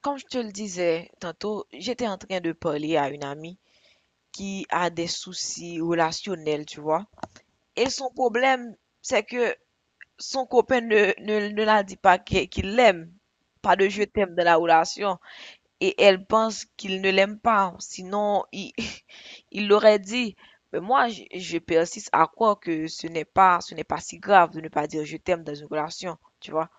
Comme je te le disais tantôt, j'étais en train de parler à une amie qui a des soucis relationnels, tu vois. Et son problème, c'est que son copain ne la dit pas qu'il l'aime. Pas de je t'aime dans la relation. Et elle pense qu'il ne l'aime pas. Sinon, il, il l'aurait dit. Mais moi, je persiste à croire que ce n'est pas si grave de ne pas dire je t'aime dans une relation, tu vois.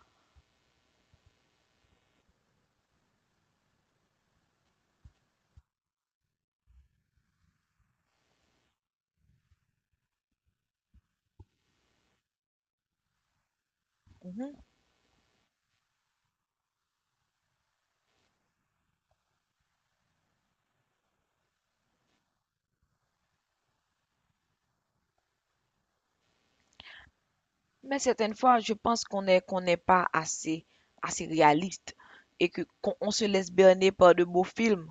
Mais certaines fois, je pense qu'on n'est pas assez réaliste et que qu'on on se laisse berner par de beaux films.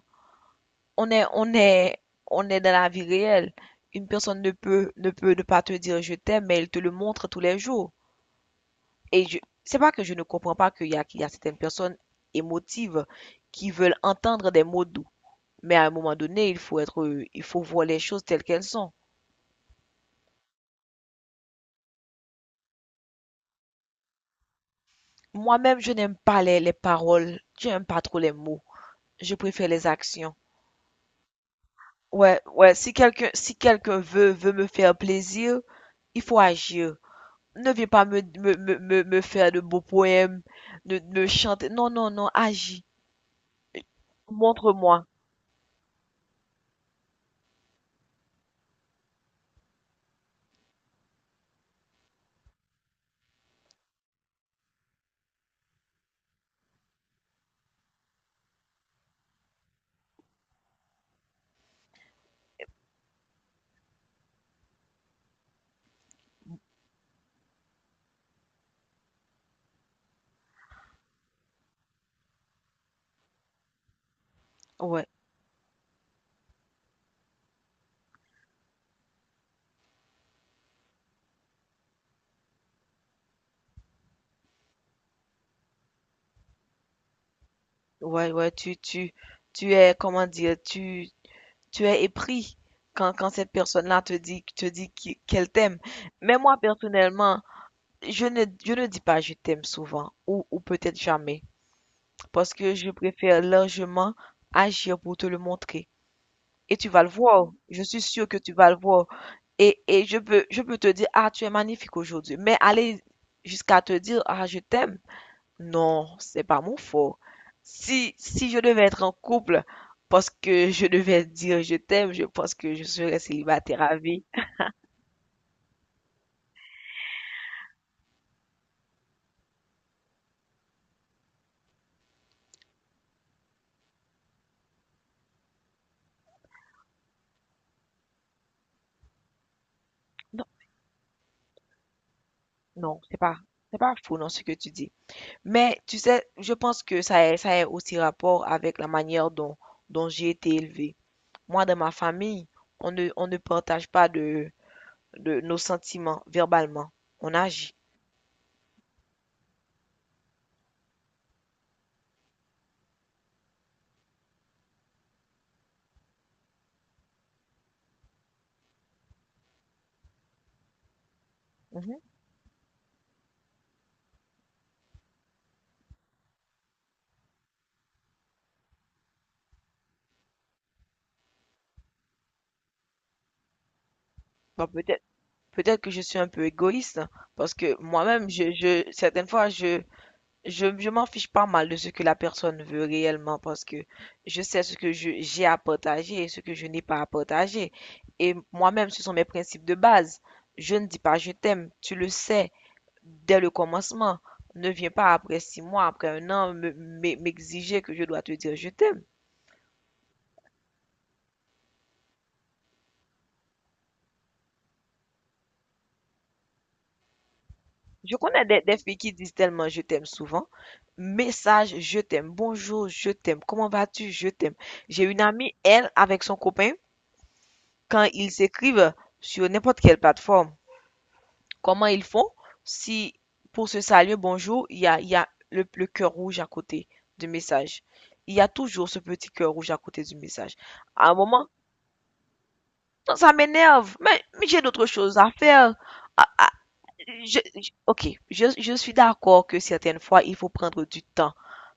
On est on est on est dans la vie réelle. Une personne ne peut ne pas te dire je t'aime, mais elle te le montre tous les jours. Et je C'est pas que je ne comprends pas qu'il y a certaines personnes émotives qui veulent entendre des mots doux. Mais à un moment donné, il faut voir les choses telles qu'elles sont. Moi-même, je n'aime pas les paroles, je n'aime pas trop les mots. Je préfère les actions. Ouais, ouais, si quelqu'un veut me faire plaisir, il faut agir. Ne viens pas me faire de beaux poèmes, de me chanter. Non, non, non, agis. Montre-moi. Ouais, ouais, ouais, tu es, comment dire, tu es épris quand cette personne-là te dit qu'elle t'aime. Mais moi personnellement, je ne dis pas je t'aime souvent ou peut-être jamais parce que je préfère largement agir pour te le montrer. Et tu vas le voir. Je suis sûre que tu vas le voir. Et je peux, te dire, ah, tu es magnifique aujourd'hui. Mais aller jusqu'à te dire, ah, je t'aime. Non, c'est pas mon fort. Si je devais être en couple parce que je devais dire je t'aime, je pense que je serais célibataire à vie. Non, non, c'est pas, faux dans ce que tu dis. Mais tu sais, je pense que ça a aussi rapport avec la manière dont j'ai été élevée. Moi, dans ma famille, on ne partage pas de nos sentiments verbalement. On agit. Mhm. Bon, peut-être que je suis un peu égoïste parce que moi-même, certaines fois, je m'en fiche pas mal de ce que la personne veut réellement parce que je sais ce que j'ai à partager et ce que je n'ai pas à partager. Et moi-même, ce sont mes principes de base. Je ne dis pas je t'aime, tu le sais dès le commencement. Ne viens pas après six mois, après un an, m'exiger que je dois te dire je t'aime. Je connais des filles qui disent tellement je t'aime souvent. Message, je t'aime. Bonjour, je t'aime. Comment vas-tu? Je t'aime. J'ai une amie, elle, avec son copain, quand ils s'écrivent sur n'importe quelle plateforme, comment ils font? Si pour se saluer, bonjour, il y a le cœur rouge à côté du message. Il y a toujours ce petit cœur rouge à côté du message. À un moment, ça m'énerve. Mais j'ai d'autres choses à faire. À, à- ok, je suis d'accord que certaines fois, il faut prendre du temps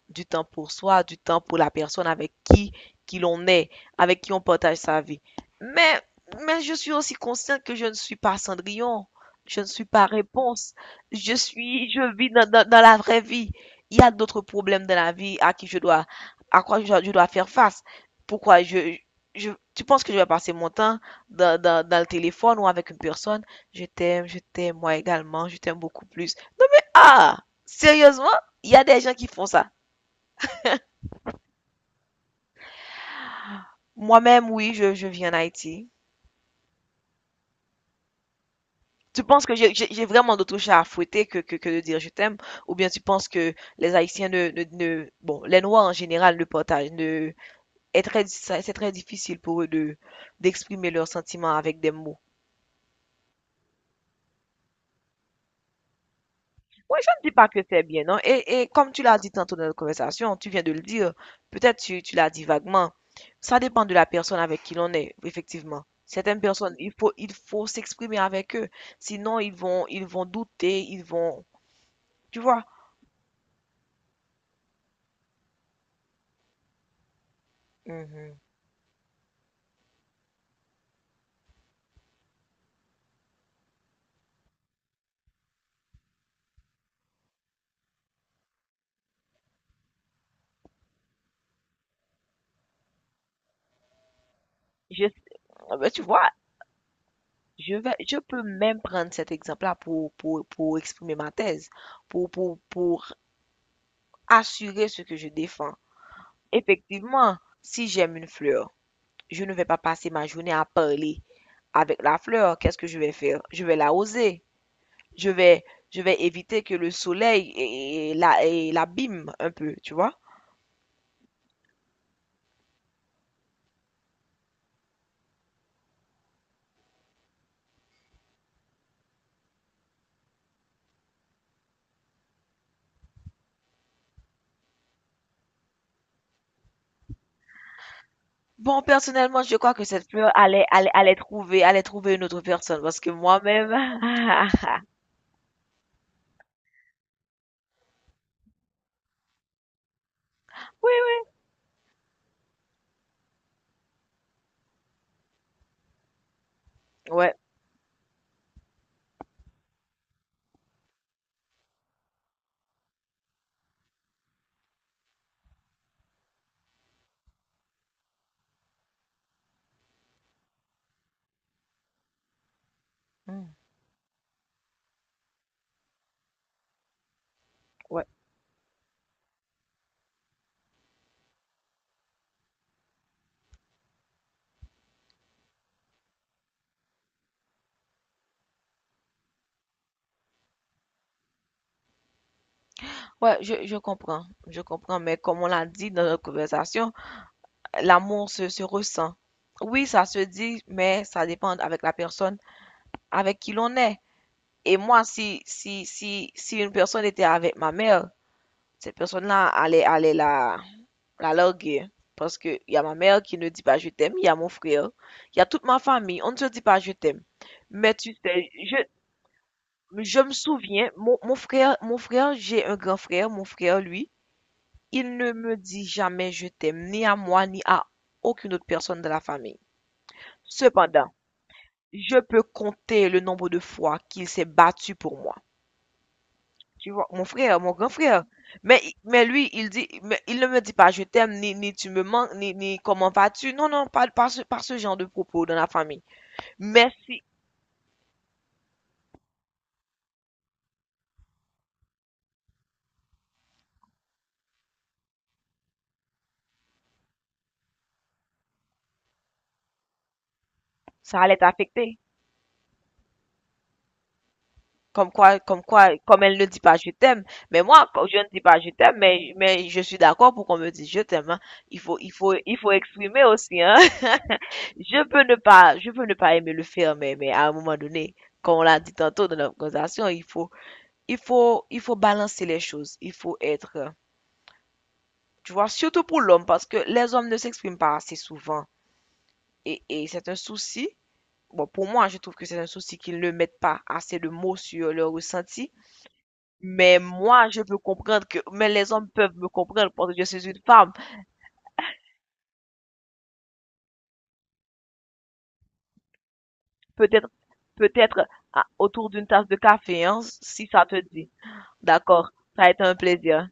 pour soi, du temps pour la personne avec qui l'on est, avec qui on partage sa vie. Mais, mais je suis aussi consciente que je ne suis pas Cendrillon. Je ne suis pas réponse. Je vis dans la vraie vie. Il y a d'autres problèmes dans la vie à quoi je dois faire face. Pourquoi je, je, tu penses que je vais passer mon temps dans le téléphone ou avec une personne? Je t'aime, moi également, je t'aime beaucoup plus. Non mais, ah! Sérieusement? Il y a des gens qui font ça. Moi-même, oui, je vis en Haïti. Tu penses que j'ai vraiment d'autres chats à fouetter que de dire je t'aime? Ou bien tu penses que les Haïtiens bon, les Noirs en général ne partagent, ne, est très, c'est très difficile pour eux d'exprimer leurs sentiments avec des mots. Moi, je ne dis pas que c'est bien, non? Et comme tu l'as dit tantôt dans notre conversation, tu viens de le dire, peut-être tu l'as dit vaguement, ça dépend de la personne avec qui l'on est, effectivement. Certaines personnes, il faut s'exprimer avec eux. Sinon, ils vont douter, ils vont, tu vois. Mhm. je, ah ben, tu vois, je peux même prendre cet exemple-là pour, pour exprimer ma thèse, pour, pour assurer ce que je défends. Effectivement, si j'aime une fleur, je ne vais pas passer ma journée à parler avec la fleur. Qu'est-ce que je vais faire? Je vais l'arroser. Je vais, je vais éviter que le soleil l'abîme un peu, tu vois? Bon, personnellement, je crois que cette fleur allait, allait trouver une autre personne parce que moi-même, Oui, oui, ouais. Hmm. Ouais. Ouais, je comprends, mais comme on l'a dit dans notre conversation, l'amour se ressent. Oui, ça se dit, mais ça dépend avec la personne avec qui l'on est. Et moi, si une personne était avec ma mère, cette personne-là allait la larguer. Parce que il y a ma mère qui ne dit pas je t'aime, il y a mon frère, il y a toute ma famille, on ne se dit pas je t'aime. Mais tu sais. Je me souviens, mon frère, j'ai un grand frère, mon frère, lui, il ne me dit jamais je t'aime, ni à moi, ni à aucune autre personne de la famille. Cependant, je peux compter le nombre de fois qu'il s'est battu pour moi. Tu vois, mon frère, mon grand frère. Mais, mais lui, mais il ne me dit pas je t'aime, ni tu me manques, ni comment vas-tu. Non, non, pas ce genre de propos dans la famille. Mais si, ça allait t'affecter. Comme quoi, comme elle ne dit pas je t'aime, mais moi, quand je ne dis pas je t'aime, mais je suis d'accord pour qu'on me dise je t'aime, hein. Il faut exprimer aussi, hein. Je peux ne pas aimer le faire, mais à un moment donné, comme on l'a dit tantôt dans notre conversation, il faut balancer les choses. Il faut être, tu vois, surtout pour l'homme, parce que les hommes ne s'expriment pas assez souvent. Et c'est un souci. Bon, pour moi, je trouve que c'est un souci qu'ils ne mettent pas assez de mots sur leurs ressentis. Mais moi, je peux comprendre que, mais les hommes peuvent me comprendre parce que je suis une femme. Peut-être, Peut-être autour d'une tasse de café, hein, si ça te dit. D'accord. Ça a été un plaisir.